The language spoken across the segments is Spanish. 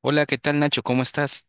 Hola, ¿qué tal, Nacho? ¿Cómo estás?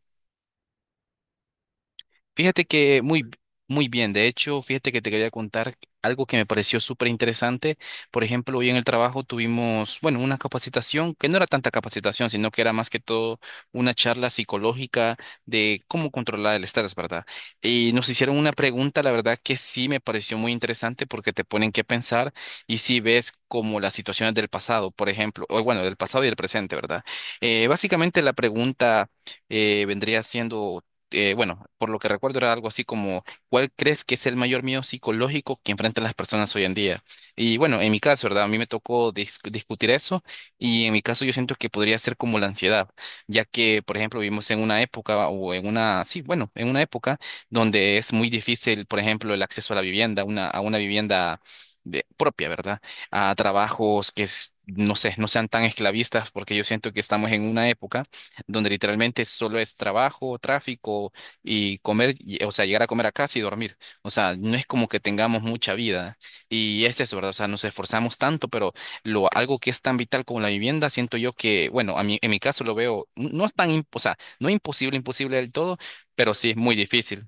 Fíjate que muy, muy bien. De hecho, fíjate que te quería contar algo que me pareció súper interesante. Por ejemplo, hoy en el trabajo tuvimos, bueno, una capacitación que no era tanta capacitación, sino que era más que todo una charla psicológica de cómo controlar el estrés, ¿verdad? Y nos hicieron una pregunta, la verdad que sí me pareció muy interesante porque te ponen que pensar y si ves como las situaciones del pasado, por ejemplo, o bueno, del pasado y del presente, ¿verdad? Básicamente la pregunta vendría siendo, bueno, por lo que recuerdo, era algo así como, ¿cuál crees que es el mayor miedo psicológico que enfrentan las personas hoy en día? Y bueno, en mi caso, ¿verdad? A mí me tocó discutir eso, y en mi caso yo siento que podría ser como la ansiedad, ya que, por ejemplo, vivimos en una época o en una, sí, bueno, en una época donde es muy difícil, por ejemplo, el acceso a la vivienda, una, a una vivienda propia, ¿verdad? A trabajos que... No sé, no sean tan esclavistas, porque yo siento que estamos en una época donde literalmente solo es trabajo, tráfico y comer, o sea, llegar a comer a casa y dormir. O sea, no es como que tengamos mucha vida. Y es eso, ¿verdad? O sea, nos esforzamos tanto, pero algo que es tan vital como la vivienda, siento yo que, bueno, a mí, en mi caso lo veo, no es tan, o sea, no imposible, imposible del todo, pero sí es muy difícil.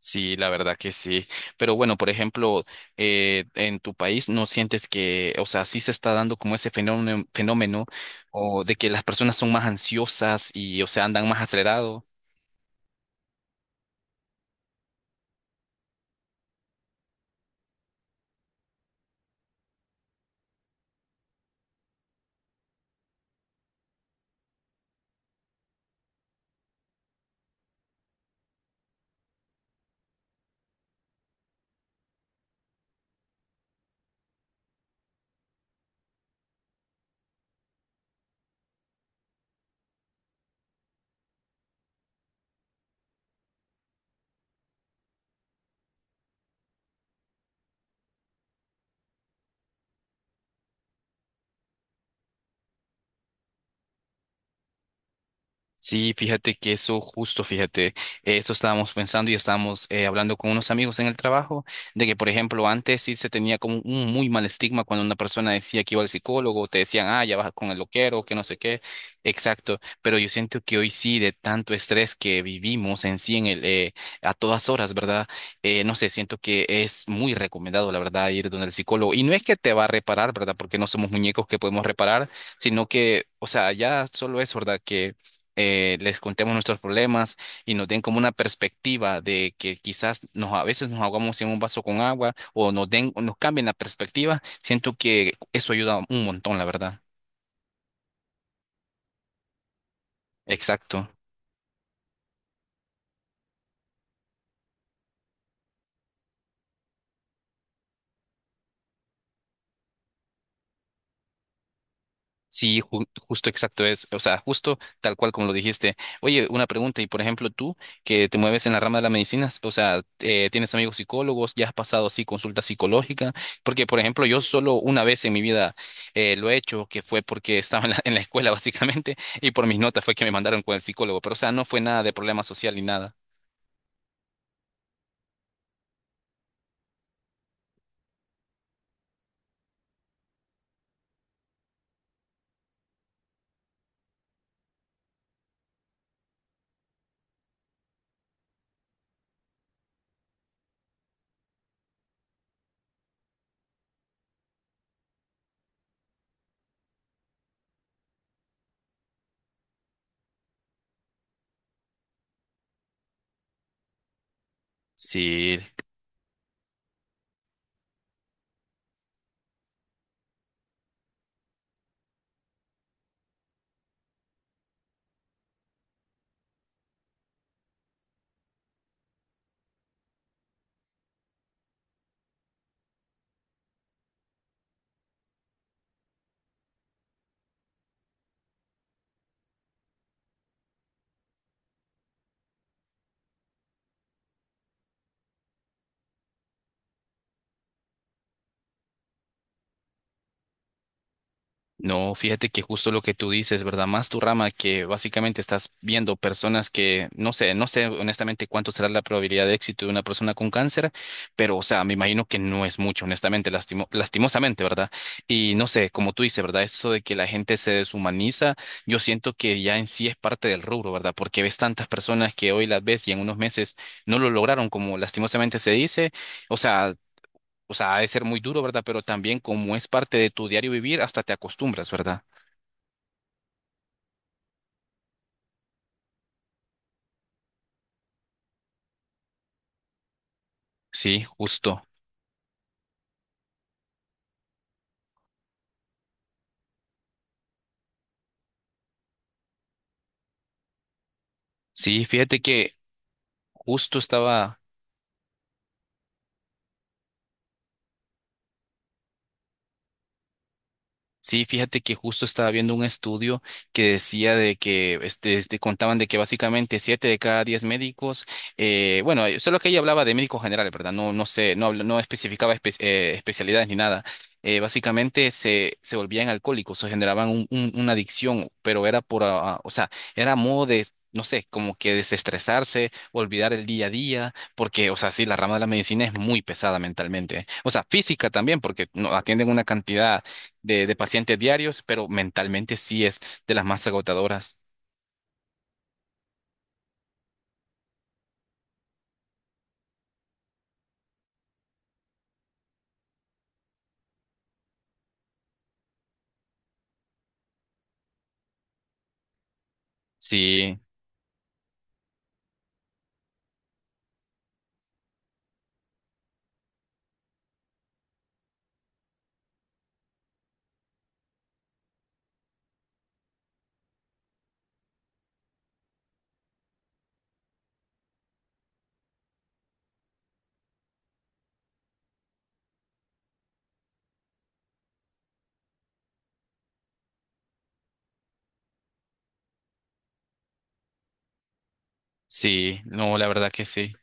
Sí, la verdad que sí. Pero bueno, por ejemplo, en tu país no sientes que, o sea, sí se está dando como ese fenómeno, fenómeno, o de que las personas son más ansiosas y, o sea, andan más acelerados. Sí, fíjate que eso justo, fíjate, eso estábamos pensando y estábamos hablando con unos amigos en el trabajo, de que, por ejemplo, antes sí se tenía como un muy mal estigma cuando una persona decía que iba al psicólogo, te decían, ah, ya vas con el loquero, que no sé qué, exacto, pero yo siento que hoy sí, de tanto estrés que vivimos en sí, en el, a todas horas, ¿verdad? No sé, siento que es muy recomendado, la verdad, ir donde el psicólogo, y no es que te va a reparar, ¿verdad? Porque no somos muñecos que podemos reparar, sino que, o sea, ya solo es, ¿verdad? Que les contemos nuestros problemas y nos den como una perspectiva de que quizás nos, a veces nos ahogamos en un vaso con agua o nos den, o nos cambien la perspectiva, siento que eso ayuda un montón, la verdad. Exacto. Sí, justo exacto es, o sea, justo tal cual como lo dijiste. Oye, una pregunta, y por ejemplo, tú, que te mueves en la rama de la medicina, o sea, tienes amigos psicólogos, ya has pasado así consulta psicológica, porque por ejemplo, yo solo una vez en mi vida lo he hecho, que fue porque estaba en la escuela básicamente, y por mis notas fue que me mandaron con el psicólogo, pero o sea, no fue nada de problema social ni nada. Sí. No, fíjate que justo lo que tú dices, ¿verdad? Más tu rama, que básicamente estás viendo personas que, no sé, no sé honestamente cuánto será la probabilidad de éxito de una persona con cáncer, pero o sea, me imagino que no es mucho, honestamente, lastimosamente, ¿verdad? Y no sé, como tú dices, ¿verdad? Eso de que la gente se deshumaniza, yo siento que ya en sí es parte del rubro, ¿verdad? Porque ves tantas personas que hoy las ves y en unos meses no lo lograron, como lastimosamente se dice, o sea o sea, ha de ser muy duro, ¿verdad? Pero también como es parte de tu diario vivir, hasta te acostumbras, ¿verdad? Sí, justo. Sí, fíjate que justo estaba Sí, fíjate que justo estaba viendo un estudio que decía de que este, contaban de que básicamente 7 de cada 10 médicos, bueno, solo que ella hablaba de médicos generales, ¿verdad? No, no sé, no, no especificaba especialidades ni nada. Básicamente se volvían alcohólicos o generaban una adicción, pero era por, ah, ah, o sea, era modo de, no sé, como que desestresarse, olvidar el día a día, porque, o sea, sí, la rama de la medicina es muy pesada mentalmente. O sea, física también, porque no, atienden una cantidad de pacientes diarios, pero mentalmente sí es de las más agotadoras. Sí, sí, no, la verdad que sí.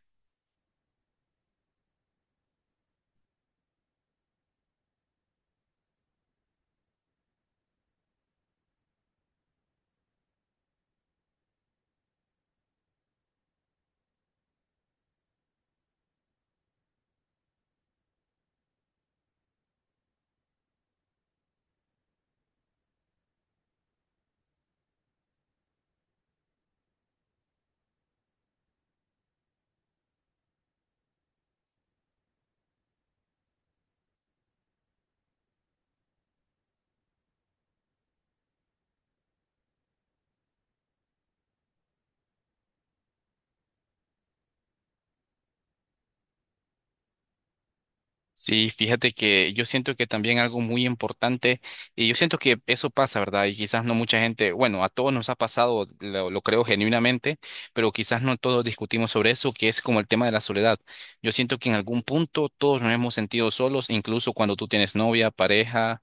Sí, fíjate que yo siento que también algo muy importante, y yo siento que eso pasa, ¿verdad? Y quizás no mucha gente, bueno, a todos nos ha pasado, lo creo genuinamente, pero quizás no todos discutimos sobre eso, que es como el tema de la soledad. Yo siento que en algún punto todos nos hemos sentido solos, incluso cuando tú tienes novia, pareja,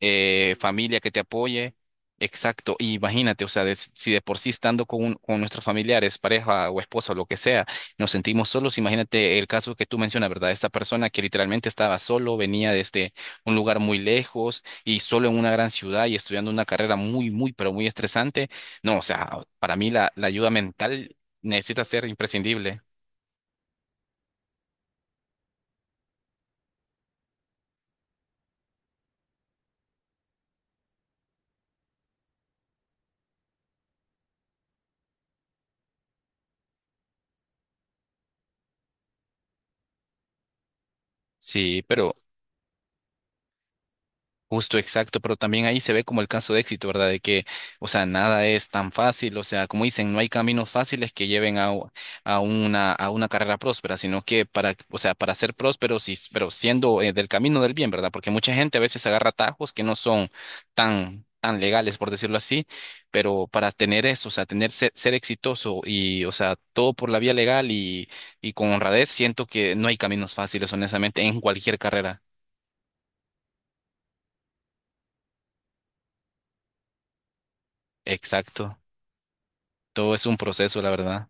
familia que te apoye. Exacto, y imagínate, o sea, si de por sí estando con, con nuestros familiares, pareja o esposa o lo que sea nos sentimos solos. Imagínate el caso que tú mencionas, ¿verdad? Esta persona que literalmente estaba solo, venía desde un lugar muy lejos y solo en una gran ciudad y estudiando una carrera muy, muy, pero muy estresante. No, o sea, para mí la ayuda mental necesita ser imprescindible. Sí, pero justo, exacto, pero también ahí se ve como el caso de éxito, ¿verdad? De que, o sea, nada es tan fácil, o sea, como dicen, no hay caminos fáciles que lleven a, a una carrera próspera, sino que para, o sea, para ser próspero, sí, pero siendo, del camino del bien, ¿verdad? Porque mucha gente a veces agarra atajos que no son tan, tan legales, por decirlo así, pero para tener eso, o sea, tener ser, ser exitoso y, o sea, todo por la vía legal y con honradez, siento que no hay caminos fáciles, honestamente, en cualquier carrera. Exacto. Todo es un proceso, la verdad.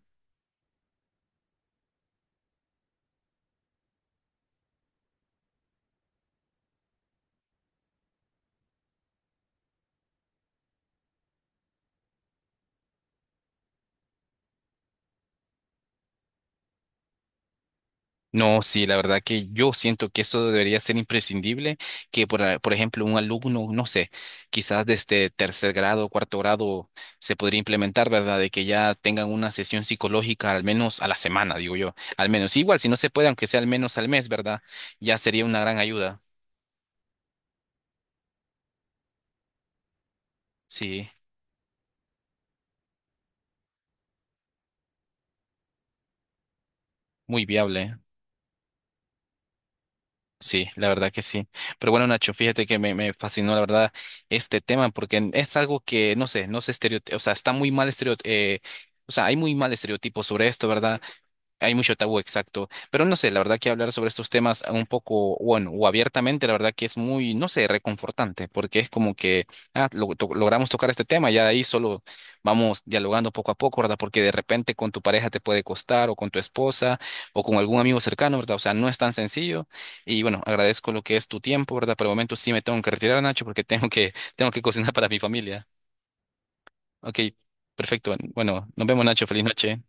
No, sí, la verdad que yo siento que eso debería ser imprescindible, que por, por ejemplo un alumno, no sé, quizás desde tercer grado, cuarto grado, se podría implementar, ¿verdad? De que ya tengan una sesión psicológica al menos a la semana, digo yo, al menos. Igual, si no se puede, aunque sea al menos al mes, ¿verdad? Ya sería una gran ayuda. Sí, muy viable. Sí, la verdad que sí. Pero bueno, Nacho, fíjate que me fascinó, la verdad, este tema, porque es algo que, no sé, no se estereotipa, o sea, está muy mal estereotipo, o sea, hay muy mal estereotipo sobre esto, ¿verdad? Hay mucho tabú, exacto. Pero no sé, la verdad que hablar sobre estos temas un poco, bueno, o abiertamente, la verdad que es muy, no sé, reconfortante, porque es como que ah, logramos tocar este tema, ya de ahí solo vamos dialogando poco a poco, ¿verdad? Porque de repente con tu pareja te puede costar, o con tu esposa, o con algún amigo cercano, ¿verdad? O sea, no es tan sencillo. Y bueno, agradezco lo que es tu tiempo, ¿verdad? Por el momento sí me tengo que retirar, Nacho, porque tengo que cocinar para mi familia. Ok, perfecto. Bueno, nos vemos, Nacho. Feliz noche.